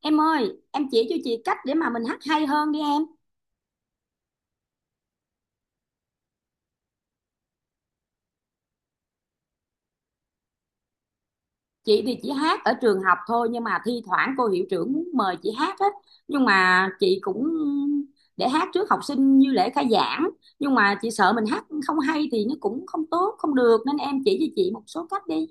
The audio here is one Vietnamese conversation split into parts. Em ơi, em chỉ cho chị cách để mà mình hát hay hơn đi em. Chị thì chỉ hát ở trường học thôi nhưng mà thi thoảng cô hiệu trưởng muốn mời chị hát á. Nhưng mà chị cũng để hát trước học sinh như lễ khai giảng. Nhưng mà chị sợ mình hát không hay thì nó cũng không tốt, không được nên em chỉ cho chị một số cách đi.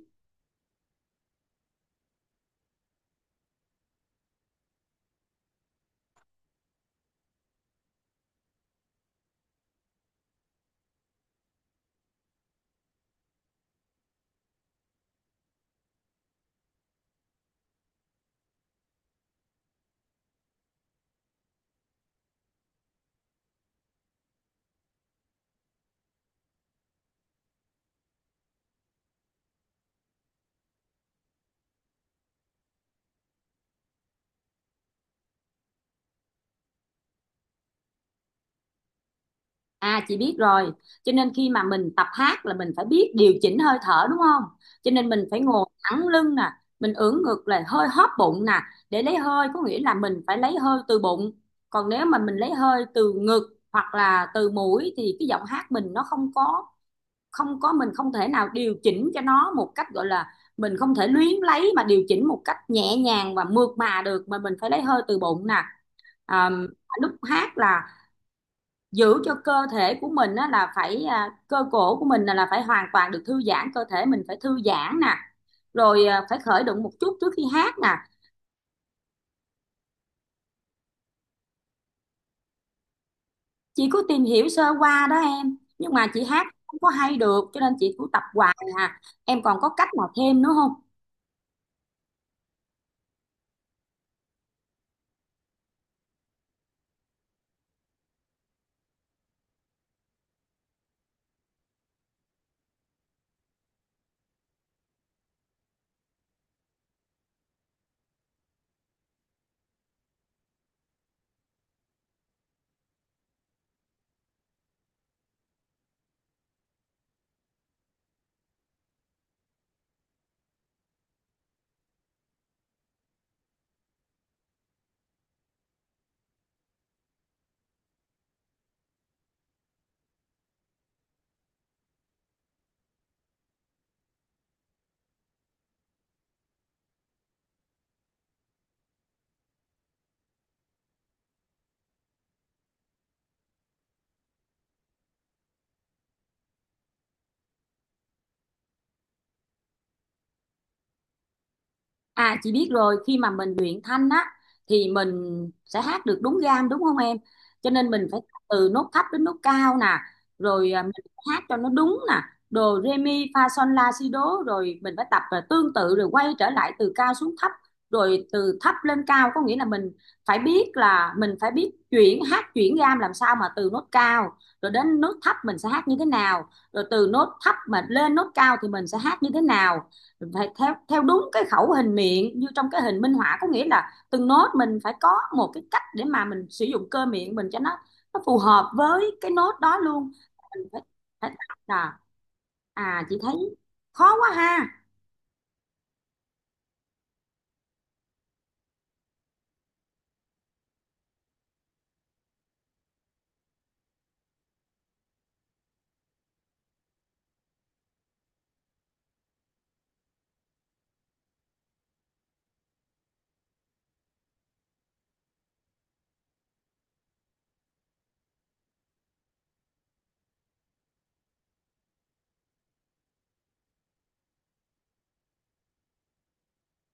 À, chị biết rồi, cho nên khi mà mình tập hát là mình phải biết điều chỉnh hơi thở đúng không? Cho nên mình phải ngồi thẳng lưng nè, mình ưỡn ngực là hơi hóp bụng nè, để lấy hơi có nghĩa là mình phải lấy hơi từ bụng. Còn nếu mà mình lấy hơi từ ngực hoặc là từ mũi thì cái giọng hát mình nó không có mình không thể nào điều chỉnh cho nó một cách gọi là mình không thể luyến lấy mà điều chỉnh một cách nhẹ nhàng và mượt mà được mà mình phải lấy hơi từ bụng nè. À, lúc hát là giữ cho cơ thể của mình á, là phải cơ cổ của mình là phải hoàn toàn được thư giãn, cơ thể mình phải thư giãn nè, rồi phải khởi động một chút trước khi hát nè. Chị có tìm hiểu sơ qua đó em, nhưng mà chị hát không có hay được cho nên chị cũng tập hoài hà, em còn có cách nào thêm nữa không? À, chị biết rồi, khi mà mình luyện thanh á thì mình sẽ hát được đúng gam đúng không em? Cho nên mình phải từ nốt thấp đến nốt cao nè, rồi mình phải hát cho nó đúng nè, đồ re mi fa son la si đố, rồi mình phải tập, và tương tự rồi quay trở lại từ cao xuống thấp, rồi từ thấp lên cao, có nghĩa là mình phải biết là mình phải biết chuyển hát chuyển gam làm sao mà từ nốt cao rồi đến nốt thấp mình sẽ hát như thế nào, rồi từ nốt thấp mà lên nốt cao thì mình sẽ hát như thế nào, phải theo theo đúng cái khẩu hình miệng như trong cái hình minh họa, có nghĩa là từng nốt mình phải có một cái cách để mà mình sử dụng cơ miệng mình cho nó phù hợp với cái nốt đó luôn. Mình phải phải tập là, à, chị thấy khó quá ha.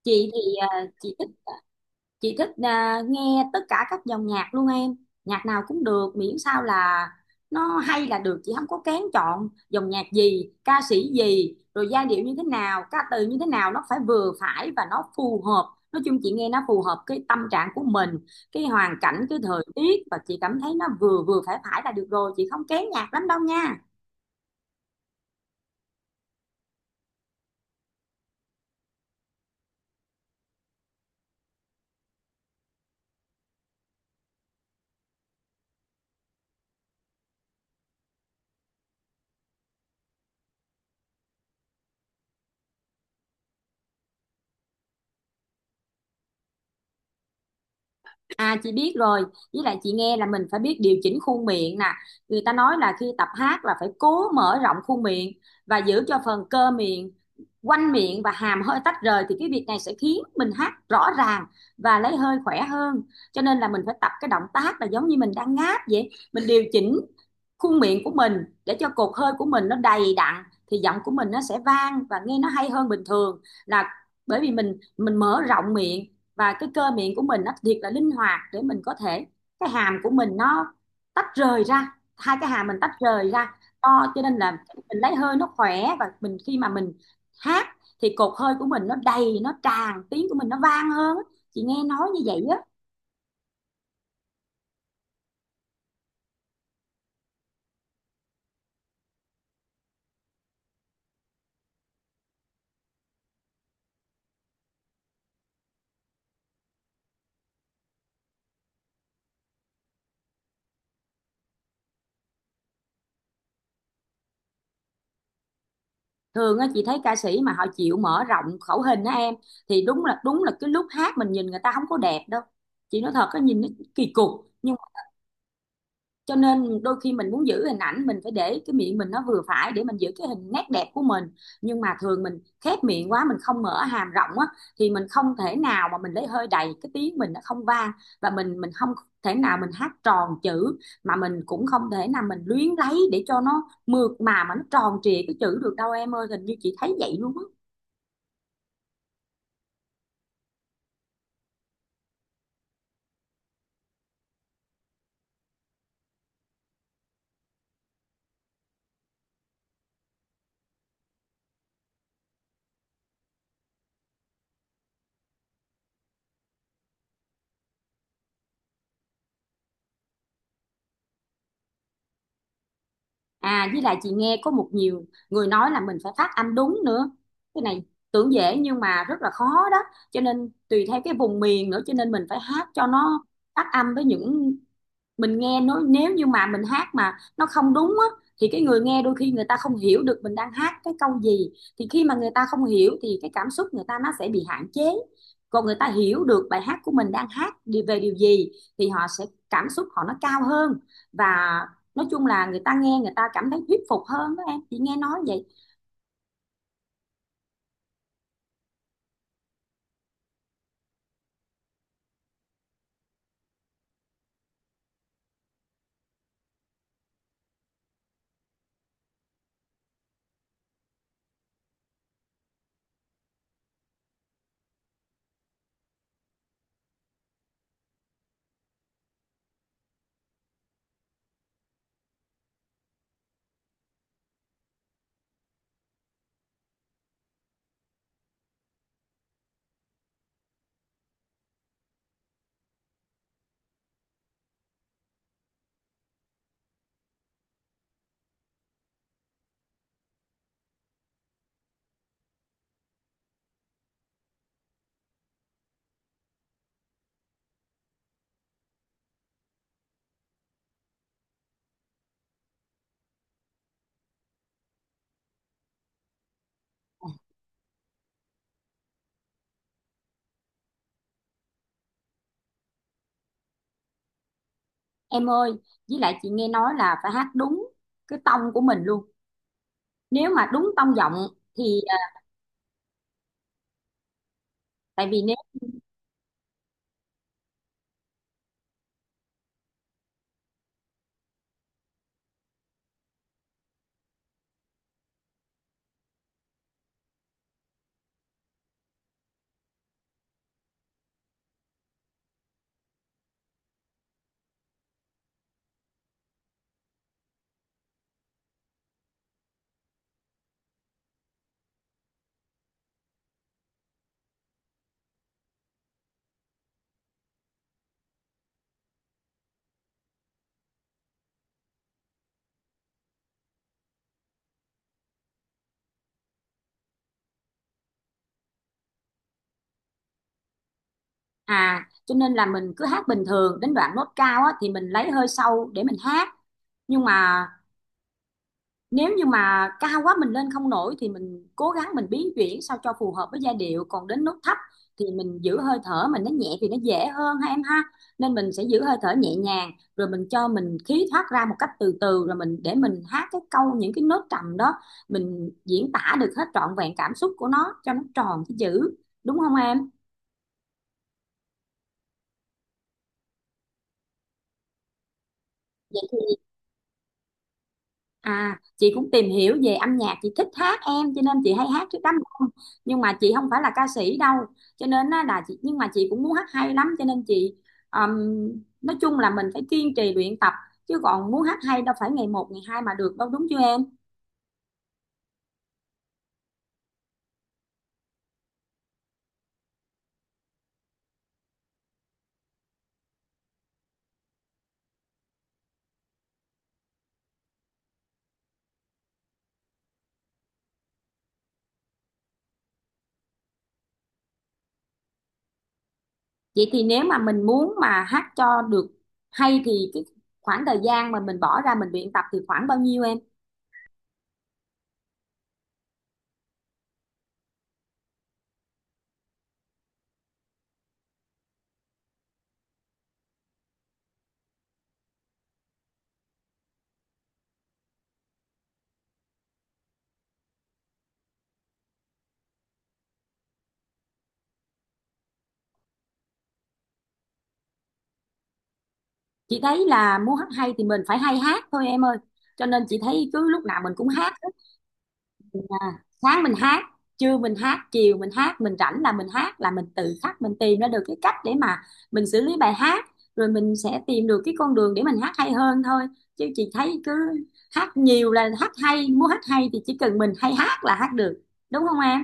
Chị thì à, chị chị thích nghe tất cả các dòng nhạc luôn em, nhạc nào cũng được miễn sao là nó hay là được, chị không có kén chọn dòng nhạc gì, ca sĩ gì, rồi giai điệu như thế nào, ca từ như thế nào nó phải vừa phải và nó phù hợp. Nói chung chị nghe nó phù hợp cái tâm trạng của mình, cái hoàn cảnh, cái thời tiết, và chị cảm thấy nó vừa vừa phải phải là được rồi, chị không kén nhạc lắm đâu nha. À, chị biết rồi, với lại chị nghe là mình phải biết điều chỉnh khuôn miệng nè. Người ta nói là khi tập hát là phải cố mở rộng khuôn miệng và giữ cho phần cơ miệng, quanh miệng và hàm hơi tách rời thì cái việc này sẽ khiến mình hát rõ ràng và lấy hơi khỏe hơn. Cho nên là mình phải tập cái động tác là giống như mình đang ngáp vậy. Mình điều chỉnh khuôn miệng của mình để cho cột hơi của mình nó đầy đặn thì giọng của mình nó sẽ vang và nghe nó hay hơn bình thường, là bởi vì mình mở rộng miệng và cái cơ miệng của mình nó thiệt là linh hoạt để mình có thể, cái hàm của mình nó tách rời ra, hai cái hàm mình tách rời ra to, cho nên là mình lấy hơi nó khỏe, và mình khi mà mình hát thì cột hơi của mình nó đầy, nó tràn, tiếng của mình nó vang hơn, chị nghe nói như vậy á. Thường á chị thấy ca sĩ mà họ chịu mở rộng khẩu hình á em, thì đúng là cái lúc hát mình nhìn người ta không có đẹp đâu, chị nói thật á, nhìn nó kỳ cục. nhưng cho nên đôi khi mình muốn giữ hình ảnh mình phải để cái miệng mình nó vừa phải để mình giữ cái hình nét đẹp của mình, nhưng mà thường mình khép miệng quá, mình không mở hàm rộng á thì mình không thể nào mà mình lấy hơi đầy, cái tiếng mình nó không vang, và mình không thể nào mình hát tròn chữ, mà mình cũng không thể nào mình luyến lấy để cho nó mượt mà nó tròn trịa cái chữ được đâu em ơi, hình như chị thấy vậy luôn á. À, với lại chị nghe có một nhiều người nói là mình phải phát âm đúng nữa. Cái này tưởng dễ nhưng mà rất là khó đó. Cho nên tùy theo cái vùng miền nữa, cho nên mình phải hát cho nó phát âm với những, mình nghe nó, nếu như mà mình hát mà nó không đúng á thì cái người nghe đôi khi người ta không hiểu được mình đang hát cái câu gì, thì khi mà người ta không hiểu thì cái cảm xúc người ta nó sẽ bị hạn chế, còn người ta hiểu được bài hát của mình đang hát đi về điều gì thì họ sẽ, cảm xúc họ nó cao hơn, và nói chung là người ta nghe người ta cảm thấy thuyết phục hơn đó em, chị nghe nói vậy. Em ơi, với lại chị nghe nói là phải hát đúng cái tông của mình luôn, nếu mà đúng tông giọng thì tại vì. À, cho nên là mình cứ hát bình thường đến đoạn nốt cao á, thì mình lấy hơi sâu để mình hát. Nhưng mà nếu như mà cao quá mình lên không nổi thì mình cố gắng mình biến chuyển sao cho phù hợp với giai điệu. Còn đến nốt thấp thì mình giữ hơi thở mình nó nhẹ thì nó dễ hơn ha em ha. Nên mình sẽ giữ hơi thở nhẹ nhàng rồi mình cho mình khí thoát ra một cách từ từ rồi mình để mình hát cái câu những cái nốt trầm đó, mình diễn tả được hết trọn vẹn cảm xúc của nó cho nó tròn cái chữ đúng không em? Vậy thì, à, chị cũng tìm hiểu về âm nhạc, chị thích hát em cho nên chị hay hát trước đám đông. Nhưng mà chị không phải là ca sĩ đâu. Cho nên á, là chị, nhưng mà chị cũng muốn hát hay lắm cho nên chị, ừm, nói chung là mình phải kiên trì luyện tập chứ còn muốn hát hay đâu phải ngày một ngày hai mà được đâu đúng chưa em? Vậy thì nếu mà mình muốn mà hát cho được hay thì cái khoảng thời gian mà mình bỏ ra mình luyện tập thì khoảng bao nhiêu em? Chị thấy là muốn hát hay thì mình phải hay hát thôi em ơi. Cho nên chị thấy cứ lúc nào mình cũng hát, à, sáng mình hát, trưa mình hát, chiều mình hát, mình rảnh là mình hát, là mình tự khắc mình tìm ra được cái cách để mà mình xử lý bài hát, rồi mình sẽ tìm được cái con đường để mình hát hay hơn thôi, chứ chị thấy cứ hát nhiều là hát hay, muốn hát hay thì chỉ cần mình hay hát là hát được đúng không em?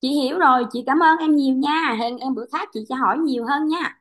Chị hiểu rồi, chị cảm ơn em nhiều nha, hẹn em bữa khác chị sẽ hỏi nhiều hơn nha.